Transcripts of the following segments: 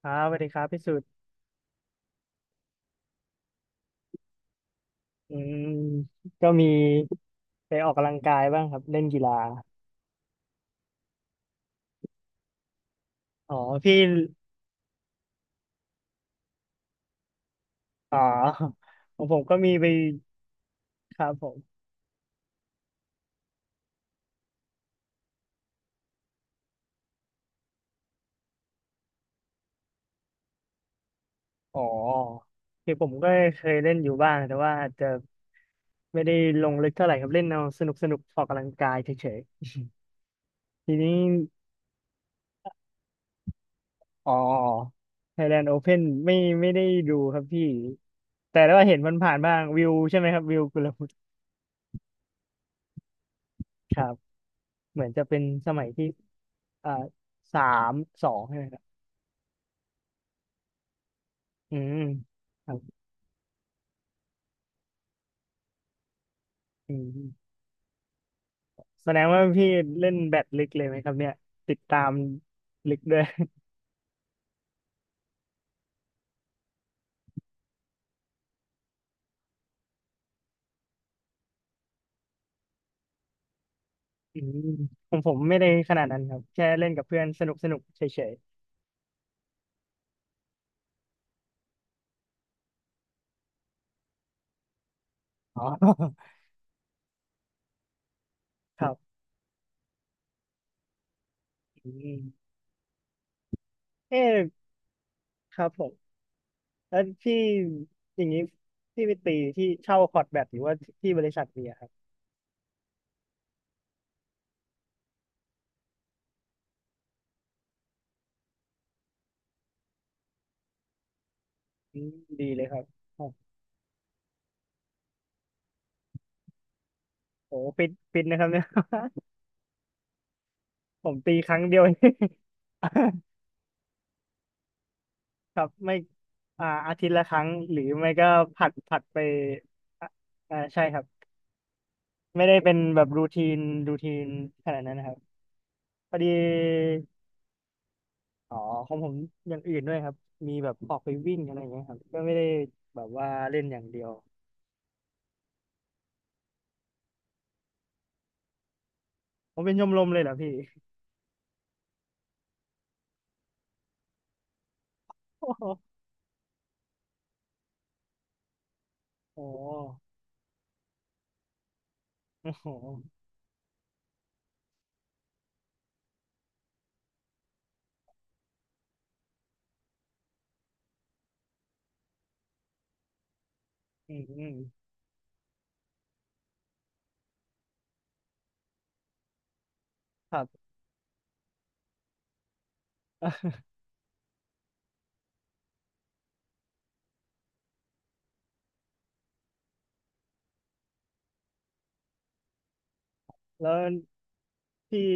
ครับสวัสดีครับพี่สุดอืมก็มีไปออกกำลังกายบ้างครับเล่นกีฬาอ๋อพี่อ๋อของผมก็มีไปครับผมอ๋อคือผมก็เคยเล่นอยู่บ้างแต่ว่าอาจจะไม่ได้ลงลึกเท่าไหร่ครับเล่นเอาสนุกออกกำลังกายเฉยๆทีนี้อ๋อ Thailand Open ไม่ไม่ได้ดูครับพี่แต่ว่าเห็นมันผ่านๆบ้างวิวใช่ไหมครับวิวกุลวุฒิครับเหมือนจะเป็นสมัยที่อ่าสามสองใช่ไหม อืมครับอืมแสดงว่าพี่เล่นแบดลึกเลยไหมครับเนี่ยติดตามลึกด้วยอืมผมไม่ได้ขนาดนั้นครับแค่เล่นกับเพื่อนสนุกเฉยๆอ๋อ ครับ อืมเอ๊ะครับผมแล้วพี่อย่างนี้พี่ไปตีที่เช่าคอร์ตแบดหรือว่าที่บริษัทมีอะครับอืมดีเลยครับโอ้โหฟิตนะครับเนี่ย ผมตีครั้งเดียวเอง ครับไม่อ่าอาทิตย์ละครั้งหรือไม่ก็ผัดไปอ่าอ่าใช่ครับไม่ได้เป็นแบบรูทีนรูทีนขนาดนั้นนะครับพอดีอ๋อของผมอย่างอื่นด้วยครับมีแบบออกไปวิ่งอะไรอย่างเงี้ยครับก็ไม่ได้แบบว่าเล่นอย่างเดียวผมเป็นชมรมเลยเหรอพี่ โอ้โหโอ้โหอืมอืมครับ แล้วพี่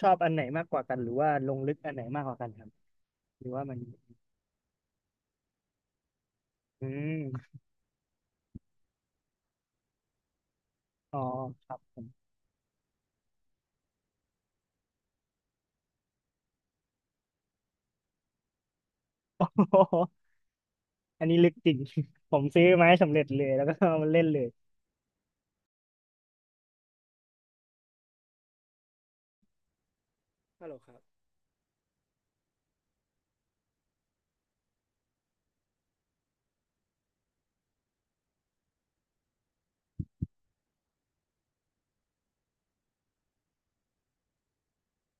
ชอบอันไหนมากกว่ากันหรือว่าลงลึกอันไหนมากกว่ากันครับหรือว่ามันอืม อ๋อครับผม อันนี้ลึกจริง ผมซื้อไมาให้สำเร็จเลยแล้วก็เอามาเล่นเลยฮัลโหลครับ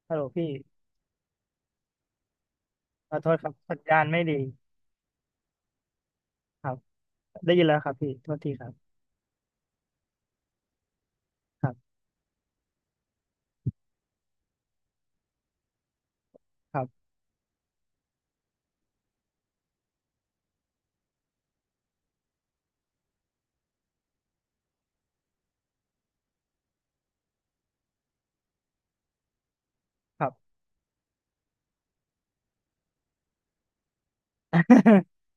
ฮัลโหลพี่ขอโทษครับสัญญาณไม่ดีครับได้ยินแล้วครับพี่โทษทีครับครับครับครับ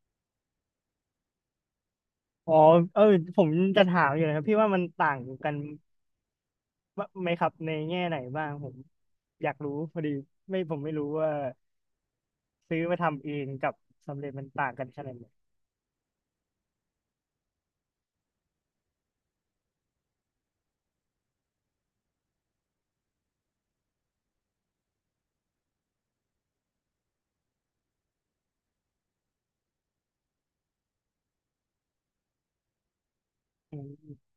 อ๋อเออผมจะถามอยู่นะครับพี่ว่ามันต่างกันไหมครับในแง่ไหนบ้างผมอยากรู้พอดีไม่ผมไม่รู้ว่าซื้อมาทำเองกับสำเร็จมันต่างกันขนาดไหนอืม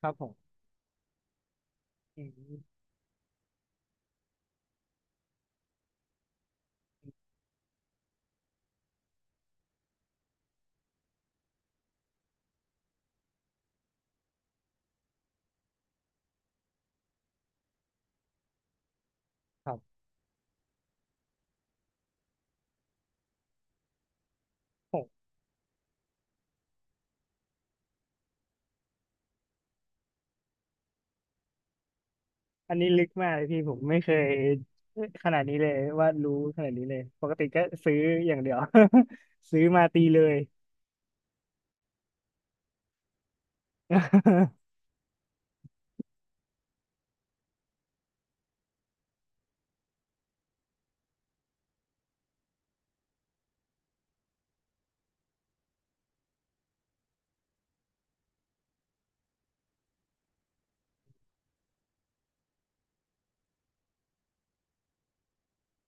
ครับผมอืมครับ อันนี้ลึกมากเลยพี่ผมไม่เคยขนาดนี้เลยว่ารู้ขนาดนี้เลยปกติก็ซื้ออย่างเดียว ซื้อมาตีเลย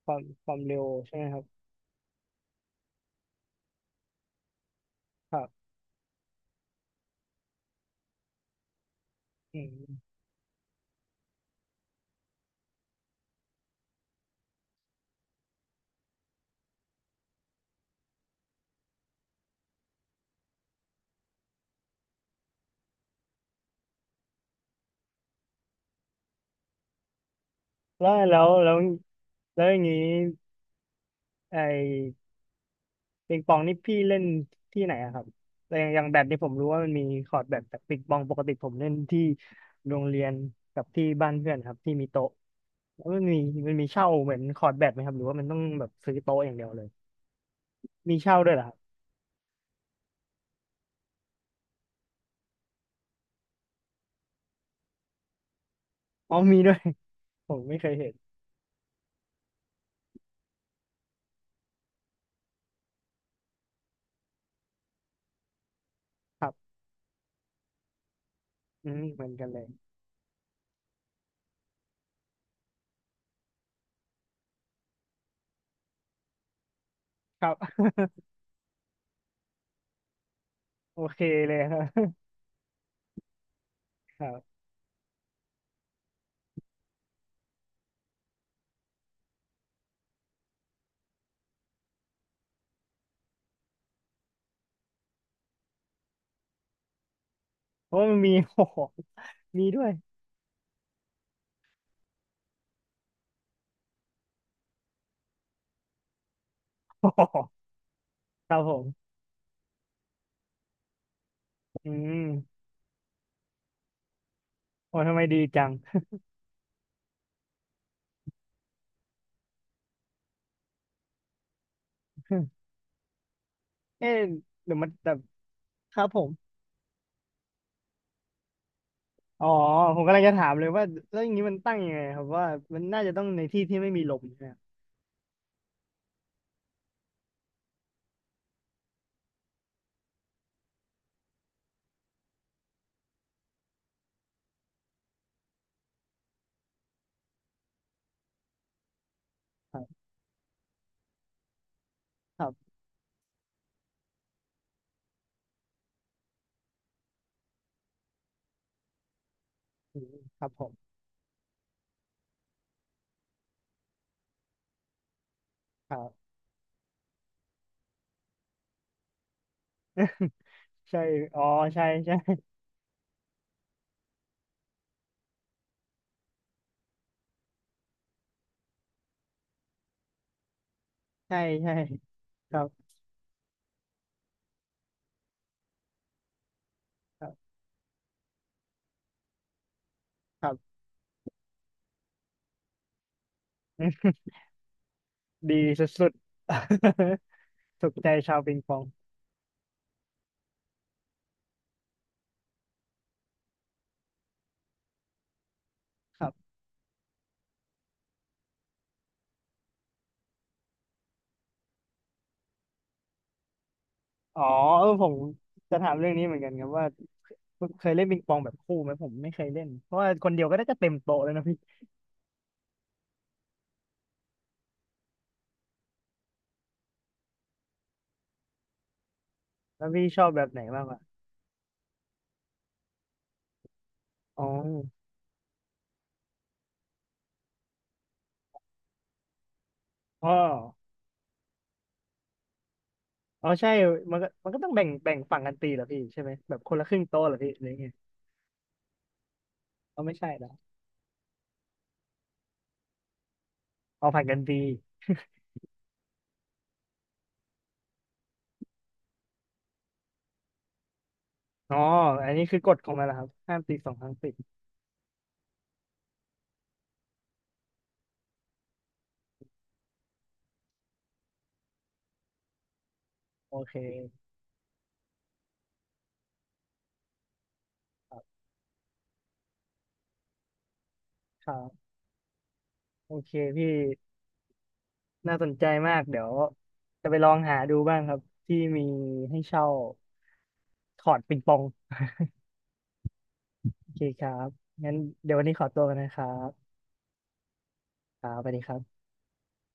ความเร็วใช่ไหมครับครับอืมแล้วแล้วอย่างนี้ไอ้ปิงปองนี่พี่เล่นที่ไหนอะครับแต่อย่างแบดนี่ผมรู้ว่ามันมีคอร์ตแบดแต่ปิงปองปกติผมเล่นที่โรงเรียนกับที่บ้านเพื่อนครับที่มีโต๊ะแล้วมันมีเช่าเหมือนคอร์ตแบดไหมครับหรือว่ามันต้องแบบซื้อโต๊ะอย่างเดียวเลยมีเช่าด้วยเหรอ อ๋อมีด้วย ผมไม่เคยเห็นครับอืมเหมือนกันเลยครับ โอเคเลยครับ ครับเพราะว่ามันมี โอ้โหมีด้วย โอ้โหครับผมอืมโอ้ทำไมดีจัง เอ๊ะเดี๋ยวมันแต่ครับผมอ๋อผมกำลังจะถามเลยว่าแล้วอย่างนี้มันตั้งยังไงครับว่ามันน่าจะต้องในที่ที่ไม่มีลมใช่ไหมครับครับอืมครับผมครับ ใช่อ๋อใช่ใช่ ใช่ใช่ครับครับครับอื ดีสุดๆ ถูกใจชาวปิงปองครับอ๋อเออผมจะถามเรื่องนี้เหมือนกันครับว่าเคยเล่นปิงปองแบบคู่ไหมผมไม่เคยเล่นเพราะว่าคนเดียวก็ได้จะเต็มโต๊ะเลยนะพี่แล้วพี่ชอบแบบไหนมากกว่าอ๋ออ๋ออ๋อใช่มันก็ต้องแบ่งฝั่งกันตีเหรอพี่ใช่ไหมแบบคนละครึ่งโต๊ะเหรอพี่หรือไงเอาไม่ใช่เหรอเอาผัดกันตีอ๋ออันนี้คือกฎของมันเหรอครับห้ามตีสองครั้งติดโอเคครับครับโอเคพี่ น่าสนใจมากเดี๋ยวจะไปลองหาดูบ้างครับที่มีให้เช่าถอดปิงปอง โอเคครับงั้นเดี๋ยววันนี้ขอตัวกันนะครับครับสวัสดีครับ